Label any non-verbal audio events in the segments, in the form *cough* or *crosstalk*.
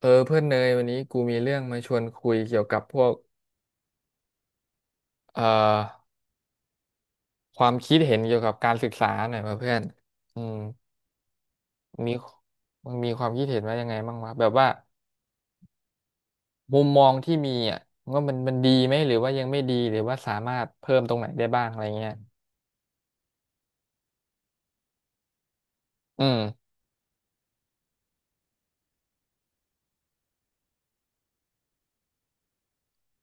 เออเพื่อนเนยวันนี้กูมีเรื่องมาชวนคุยเกี่ยวกับพวกเอ่อความคิดเห็นเกี่ยวกับการศึกษาหน่อยมาเพื่อนอืมมีมึงมีความคิดเห็นว่ายังไงบ้างวะแบบว่ามุมมองที่มีอ่ะว่ามันดีไหมหรือว่ายังไม่ดีหรือว่าสามารถเพิ่มตรงไหนได้บ้างอะไรเงี้ยอืม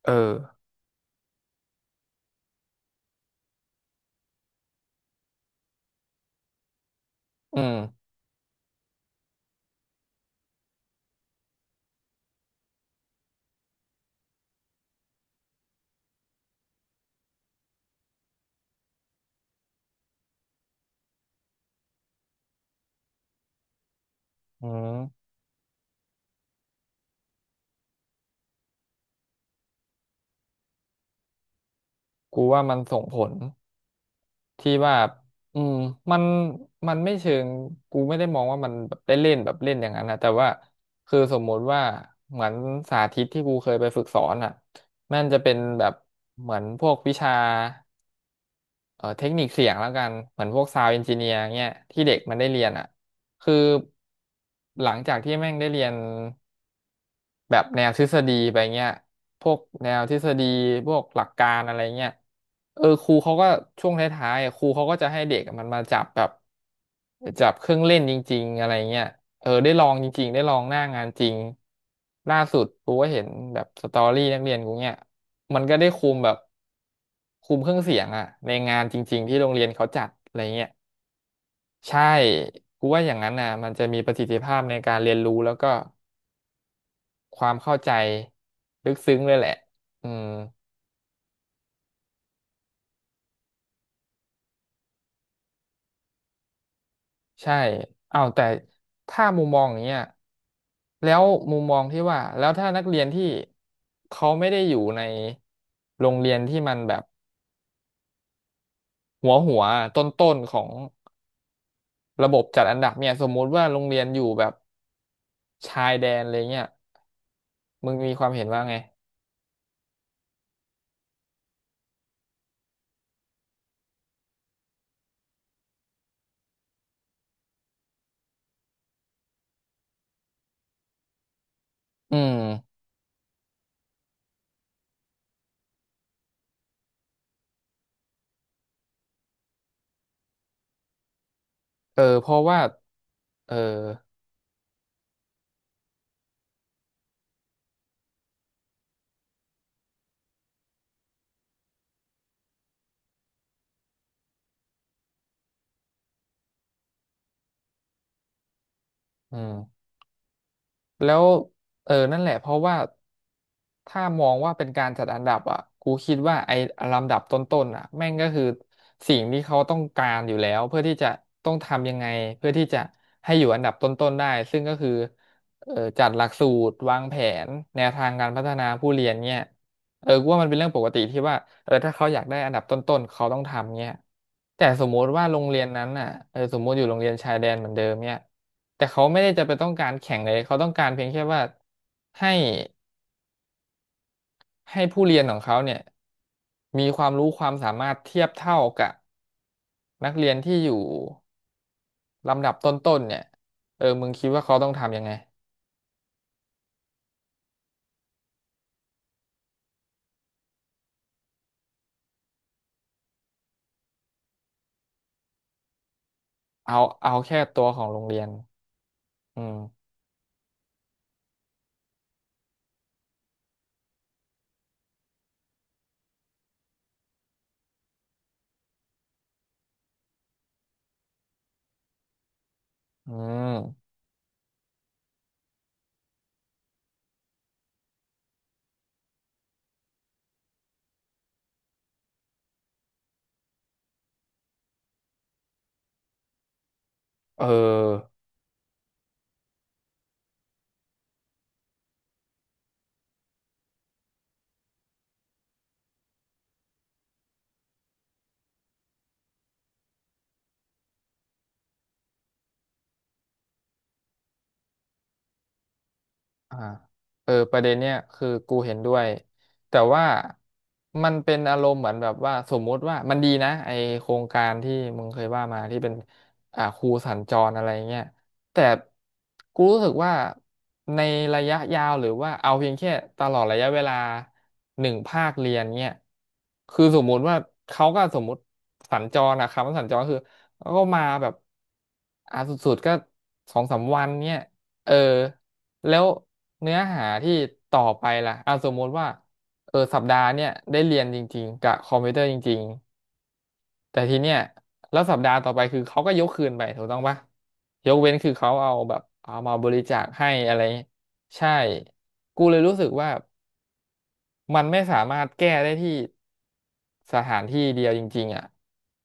เอออืมอืมกูว่ามันส่งผล ที่ว่าอืมมันมันไม่เชิงกูไม่ได้มองว่ามันแบบได้เล่นแบบเล่นอย่างนั้นนะแต่ว่าคือสมมุติว่าเหมือนสาธิตที่กูเคยไปฝึกสอนอ่ะมันจะเป็นแบบเหมือนพวกวิชาเทคนิคเสียงแล้วกันเหมือนพวกซาว n d เอนจิเนียร์เงี้ยที่เด็กมันได้เรียนอ่ะคือหลังจากที่แม่งได้เรียน แบบแนวทฤษฎีไปเงี้ยพวกแนวทฤษฎีพวกหลักการอะไรเงี้ยเออครูเขาก็ช่วงท้ายๆอะครูเขาก็จะให้เด็กมันมาจับแบบจับเครื่องเล่นจริงๆอะไรเงี้ยเออได้ลองจริงๆได้ลองหน้างานจริงล่าสุดกูก็เห็นแบบสตอรี่นักเรียนกูเนี่ยมันก็ได้คุมแบบคุมเครื่องเสียงอะในงานจริงๆที่โรงเรียนเขาจัดอะไรเงี้ยใช่กูว่าอย่างนั้นนะมันจะมีประสิทธิภาพในการเรียนรู้แล้วก็ ความเข้าใจลึกซึ้งเลยแหละ อืมใช่อ้าวแต่ถ้ามุมมองอย่างเงี้ยแล้วมุมมองที่ว่า แล้วถ้านักเรียนที่เขาไม่ได้อยู่ในโรงเรียนที่มันแบบหัวต้นๆของระบบจัดอันดับเนี่ยสมมุติว่าโรงเรียนอยู่แบบชายแดนอะไรเงี้ยมึงมีความเห็นว่าไงอืมเออเพราะว่าเอออืม แล้วเออนั่นแหละเพราะว่าถ้ามองว่าเป็นการจัดอันดับอ่ะกูคิดว่าไอ้ลำดับต้นๆอ่ะแม่งก็คือสิ่งที่เขาต้องการอยู่แล้วเพื่อที่จะต้องทำยังไงเพื่อที่จะให้อยู่อันดับต้นๆได้ซึ่งก็คือเออจัดหลักสูตรวางแผนแนวทางการพัฒนาผู้เรียนเนี่ย เออกูว่ามันเป็นเรื่องปกติที่ว่าเออถ้าเขาอยากได้อันดับต้นๆเขาต้องทำเงี้ยแต่สมมุติว่าโรงเรียนนั้นน่ะเออสมมุติอยู่โรงเรียนชายแดนเหมือนเดิมเนี่ยแต่เขาไม่ได้จะไปต้องการแข่งเลยเขาต้องการเพียงแค่ว่าให้ผู้เรียนของเขาเนี่ยมีความรู้ความสามารถเทียบเท่ากับนักเรียนที่อยู่ลำดับต้นๆเนี่ยเออมึงคิดว่าเขาต้องทำยังไงเอาเอาแค่ตัวของโรงเรียนอืมอืมเออ อ่าเออประเด็นเนี้ยคือกูเห็นด้วยแต่ว่ามันเป็นอารมณ์เหมือนแบบว่าสมมุติว่ามันดีนะไอโครงการที่มึงเคยว่ามาที่เป็นครูสัญจรอะไรเงี้ยแต่กูรู้สึกว่าในระยะยาวหรือว่าเอาเพียงแค่ตลอดระยะเวลาหนึ่งภาคเรียนเนี่ยคือสมมุติว่าเขาก็สมมุติสัญจรอะคำว่าสัญจรคือเขาก็มาแบบสุดๆก็สองสามวันเนี่ยเออ แล้วเนื้อหาที่ต่อไปล่ะอ่ะสมมติว่าเออสัปดาห์เนี่ยได้เรียนจริงๆกับคอมพิวเตอร์จริงๆแต่ทีเนี้ยแล้วสัปดาห์ต่อไปคือเขาก็ยกคืนไปถูกต้องปะยกเว้นคือเขาเอาแบบเอามาบริจาคให้อะไรเงี้ยใช่กูเลยรู้สึกว่ามันไม่สามารถแก้ได้ที่สถานที่เดียวจริงๆอ่ะ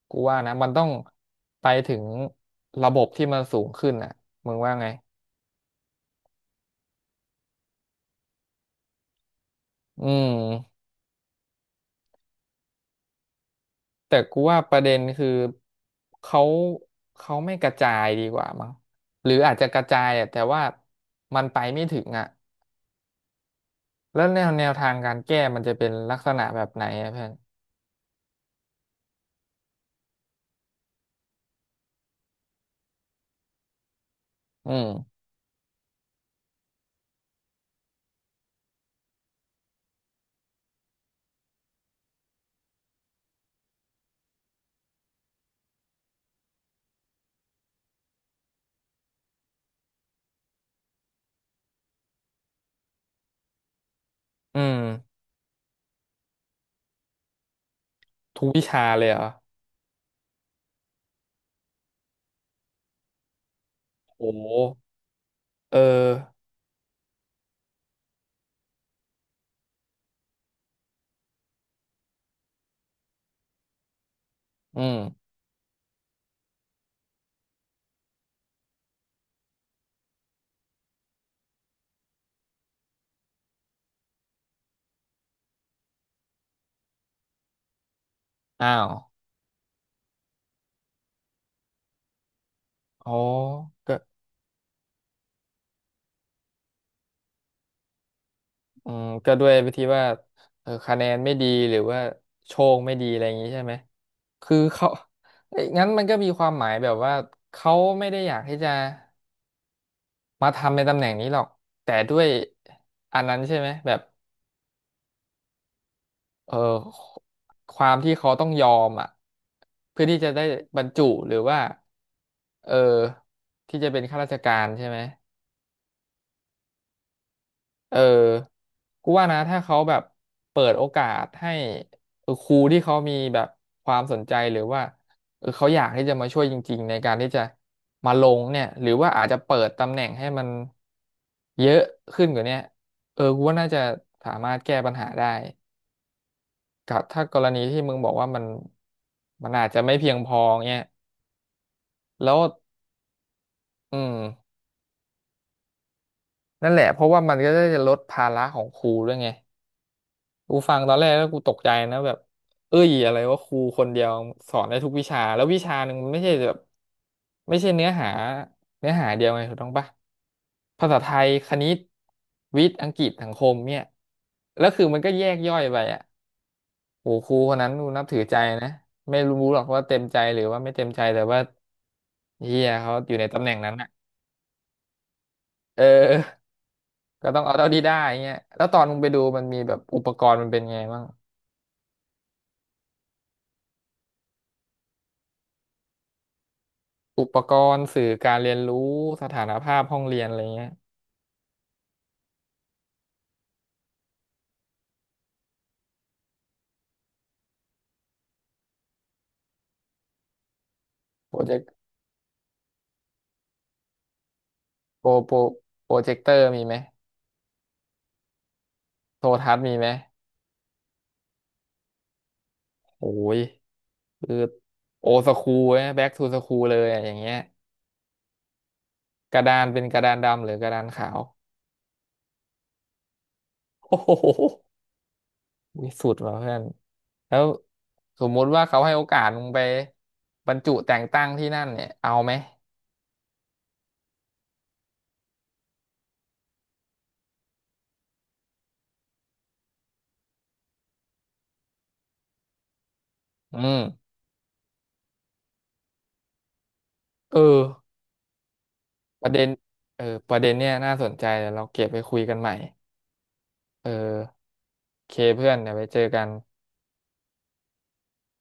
กูว่านะมันต้องไปถึงระบบที่มันสูงขึ้นอ่ะมึงว่าไงอืม แต่กูว่าประเด็นคือเขาเขาไม่กระจายดีกว่ามั้งหรืออาจจะกระจายอะแต่ว่ามันไปไม่ถึงอ่ะแล้วแนวทางการแก้มันจะเป็นลักษณะแบบไหนอะเพื่อนอืมอืมทุกวิชาเลยเหรอโอ้โหเอออืมอ้าวอ๋อก็อืมก็ด้วยวิธีว่าเออคะแนนไม่ดีหรือว่าโชคไม่ดีอะไรอย่างนี้ใช่ไหมคือเขาเอ้ยงั้นมันก็มีความหมายแบบว่าเขาไม่ได้อยากที่จะ มาทำในตำแหน่งนี้หรอกแต่ด้วยอันนั้นใช่ไหมแบบเออความที่เขาต้องยอมอ่ะเพื่อที่จะได้บรรจุหรือว่าเออที่จะเป็นข้าราชการใช่ไหม เออกูว่านะถ้าเขาแบบเปิดโอกาสให้เออครูที่เขามีแบบความสนใจหรือว่าเออเขาอยากที่จะมาช่วยจริงๆในการที่จะมาลงเนี่ยหรือว่าอาจจะเปิดตำแหน่งให้มันเยอะขึ้นกว่าเนี้ยเออกูว่าน่าจะสามารถแก้ปัญหาได้กับถ้ากรณีที่มึงบอกว่ามันอาจจะไม่เพียงพอเนี่ยแล้วอืมนั่นแหละเพราะว่ามันก็จะลดภาระของครูด้วยไง กูฟังตอนแรกแล้วกูตกใจนะแบบเอ้ยอะไรว่าครูคนเดียวสอนได้ทุกวิชาแล้ววิชาหนึ่งมันไม่ใช่แบบไม่ใช่เนื้อหาเนื้อหาเดียวไงถูกต้องปะภาษาไทยคณิตวิทย์อังกฤษสังคมเนี่ยแล้วคือมันก็แยกย่อยไปอ่ะโหครูคนนั้นกูนับถือใจนะไม่รู้หรอกว่าเต็มใจหรือว่าไม่เต็มใจแต่ว่าเฮียเขาอยู่ในตำแหน่งนั้นอ่ะเออก็ต้องเอาเท่าที่ได้เงี้ยแล้วตอนมึงไปดูมันมีแบบอุปกรณ์มันเป็นไงบ้าง อุปกรณ์สื่อการเรียนรู้สถานภาพห้องเรียนอะไรเงี้ยโปรเจกต์โปรโปรโปรเจคเตอร์มีไหมโทรทัศน์มีไหมโอ้ยคือโอสคูลแบ็กทูสคูลเลยอะอย่างเงี้ยกระดานเป็นกระดานดำหรือกระดานขาว *laughs* โอ้โหวิสุดว่ะเพื่อนแล้วสมมุติว่าเขาให้โอกาสมึงไปบรรจุแต่งตั้งที่นั่นเนี่ยเอาไหมอืมเออประเด็นเออประเด็นเนี่ยน่าสนใจเดี๋ยวเราเก็บไปคุยกันใหม่เออ เคเพื่อนเดี๋ยวไปเจอกัน